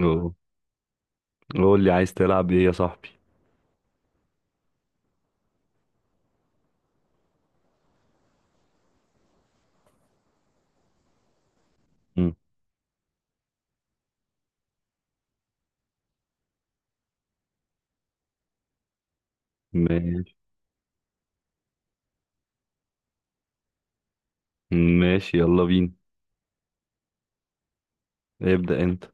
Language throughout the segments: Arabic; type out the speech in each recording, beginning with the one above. أوه. قول لي عايز تلعب ايه يا صاحبي؟ مم. ماشي ماشي يلا بينا. ابدأ انت.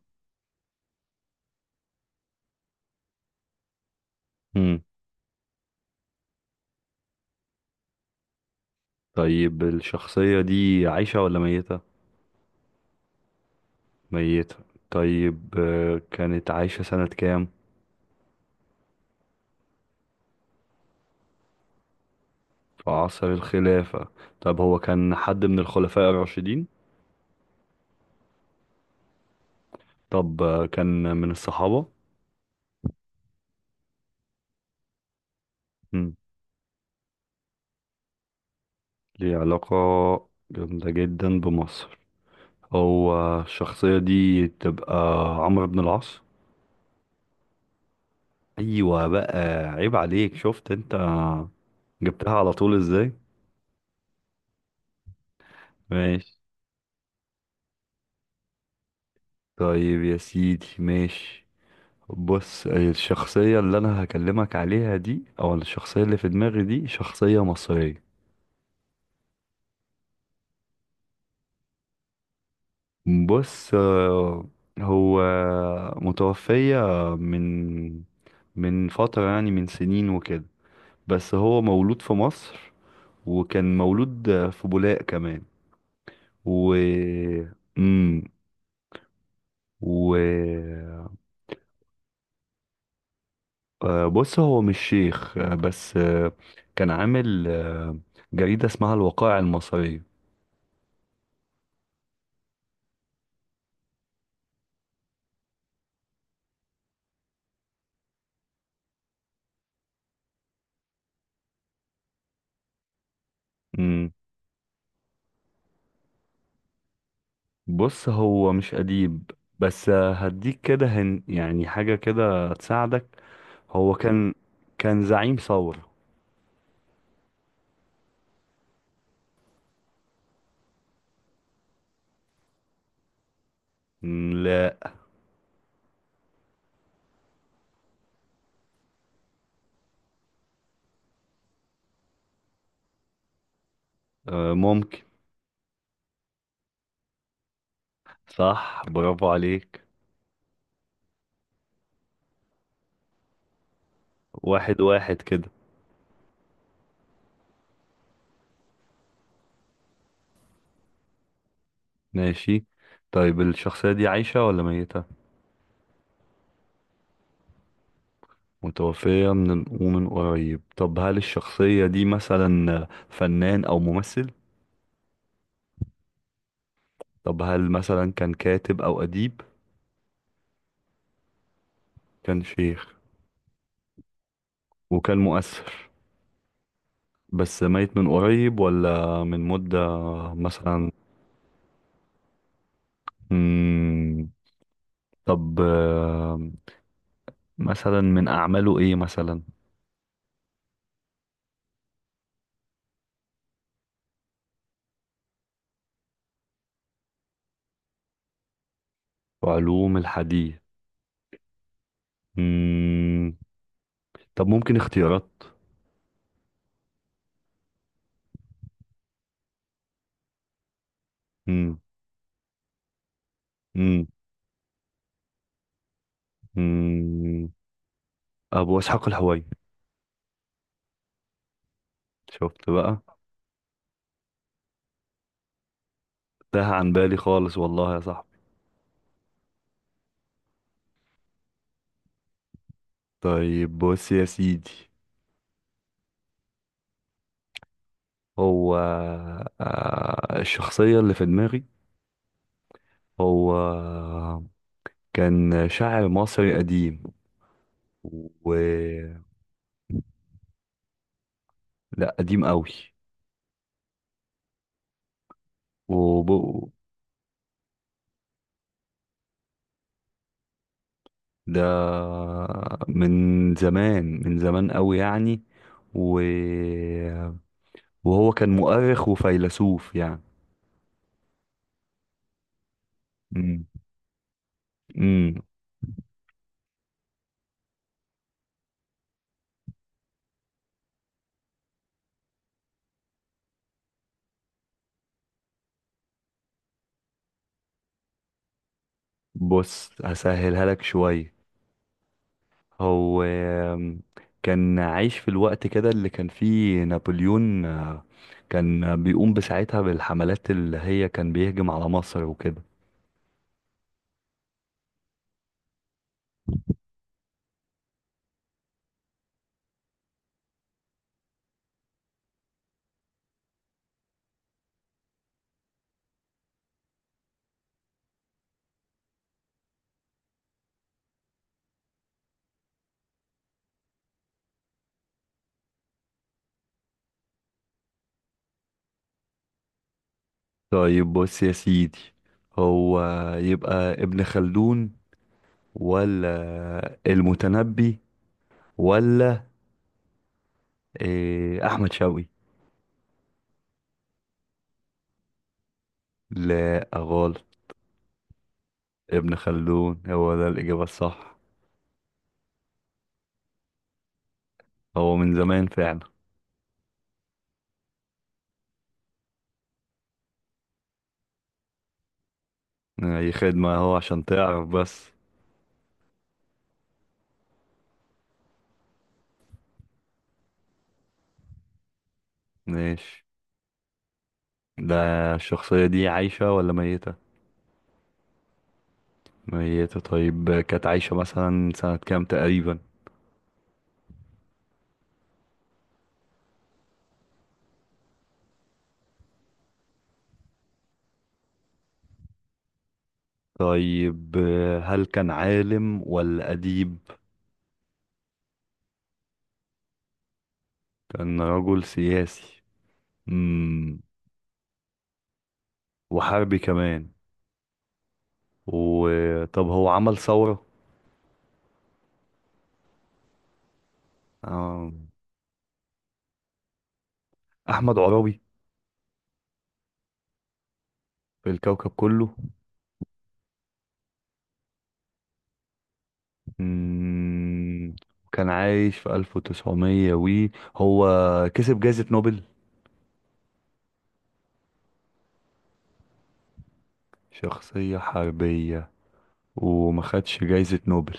مم. طيب الشخصية دي عايشة ولا ميتة؟ ميتة. طيب، كانت عايشة سنة كام؟ في عصر الخلافة. طب هو كان حد من الخلفاء الراشدين؟ طب، كان من الصحابة؟ مم. ليه علاقة جامدة جدا بمصر. هو الشخصية دي تبقى عمرو بن العاص؟ ايوه بقى. عيب عليك، شفت انت جبتها على طول ازاي؟ ماشي. طيب يا سيدي، ماشي. بص، الشخصية اللي انا هكلمك عليها دي او الشخصية اللي في دماغي دي شخصية مصرية. بص، هو متوفية من من فترة، يعني من سنين وكده، بس هو مولود في مصر، وكان مولود في بولاق كمان. و مم. و آه، بص، هو مش شيخ، بس، كان عامل، جريدة اسمها الوقائع المصرية. مم. بص، هو مش أديب، بس، هديك كده هن يعني حاجة كده تساعدك. هو كان زعيم ثورة. مم، لا. آه، ممكن. صح، برافو عليك. واحد واحد كده. ماشي. طيب الشخصية دي عايشة ولا ميتة؟ متوفية من ومن قريب. طب هل الشخصية دي مثلا فنان أو ممثل؟ طب هل مثلا كان كاتب أو أديب؟ كان شيخ وكان مؤثر. بس ميت من قريب ولا من مدة مثلا؟ مم. طب، مثلا من أعماله إيه مثلا؟ علوم الحديث. مم. طب ممكن اختيارات؟ مم. مم. مم. أبو إسحاق الحويني. شفت بقى. تاه عن بالي خالص والله يا صاحبي. طيب بص يا سيدي، هو آه، الشخصية اللي في دماغي. هو كان شاعر مصري قديم. و لا، قديم قوي. وب... ده من زمان، من زمان قوي يعني. و... وهو كان مؤرخ وفيلسوف يعني. امم أمم. بص، هسهلها لك شوية. هو كان عايش في الوقت كده اللي كان فيه نابليون، كان بيقوم بساعتها بالحملات اللي هي كان بيهجم على مصر وكده. طيب بص يا سيدي، هو يبقى ابن خلدون ولا المتنبي ولا أحمد شوقي؟ لا، غلط. ابن خلدون هو ده الإجابة الصح. هو من زمان فعلا. أي خدمة، هو عشان تعرف بس. ماشي. ده الشخصية دي عايشة ولا ميتة؟ ميتة. طيب كانت عايشة مثلا سنة كام تقريبا؟ طيب هل كان عالم ولا أديب؟ كان رجل سياسي. مم. وحربي كمان. وطب هو عمل ثورة؟ آه، أحمد عرابي؟ في الكوكب كله. مم. كان عايش في 1900 وي. هو كسب جائزة نوبل؟ شخصية حربية، وما خدش جائزة نوبل،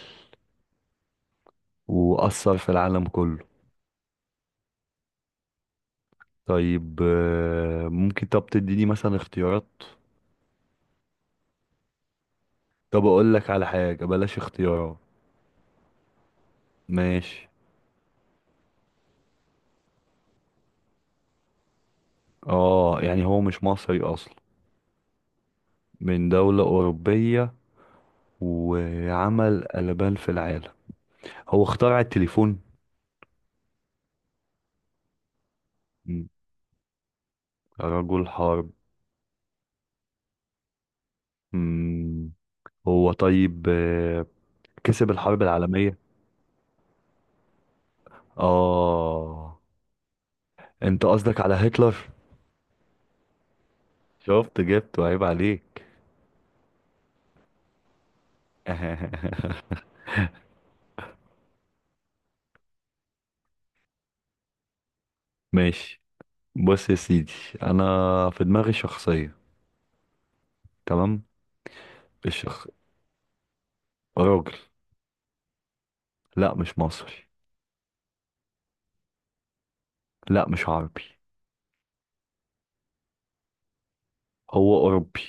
وأثر في العالم كله. طيب، ممكن طب تديني مثلا اختيارات؟ طب أقول لك على حاجة، بلاش اختيارات. ماشي. اه، يعني هو مش مصري أصلا؟ من دولة أوروبية وعمل قلبان في العالم. هو اخترع التليفون؟ مم. رجل حرب. مم. هو طيب، كسب الحرب العالمية؟ اه، انت قصدك على هتلر. شفت، جبته، عيب عليك. ماشي. بص يا سيدي، انا في دماغي شخصية. تمام. الشخ راجل. لا، مش مصري. لا، مش عربي. هو اوروبي.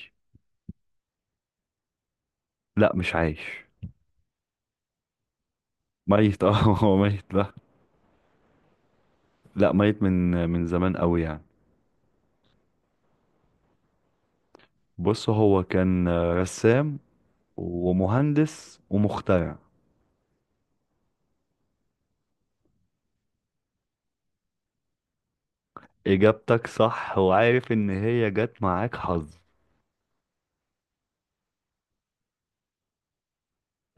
لا، مش عايش. ميت، اه. هو ميت بقى. لا، ميت من زمان قوي يعني. بص، هو كان رسام ومهندس ومخترع. اجابتك صح، وعارف ان هي جت معاك حظ.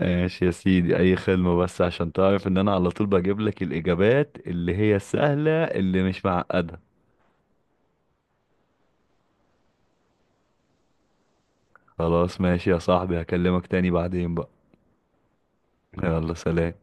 ماشي يا سيدي، اي خدمة، بس عشان تعرف ان انا على طول بجيب لك الاجابات اللي هي السهلة، اللي مش معقدة. خلاص ماشي يا صاحبي، هكلمك تاني بعدين بقى. يلا سلام.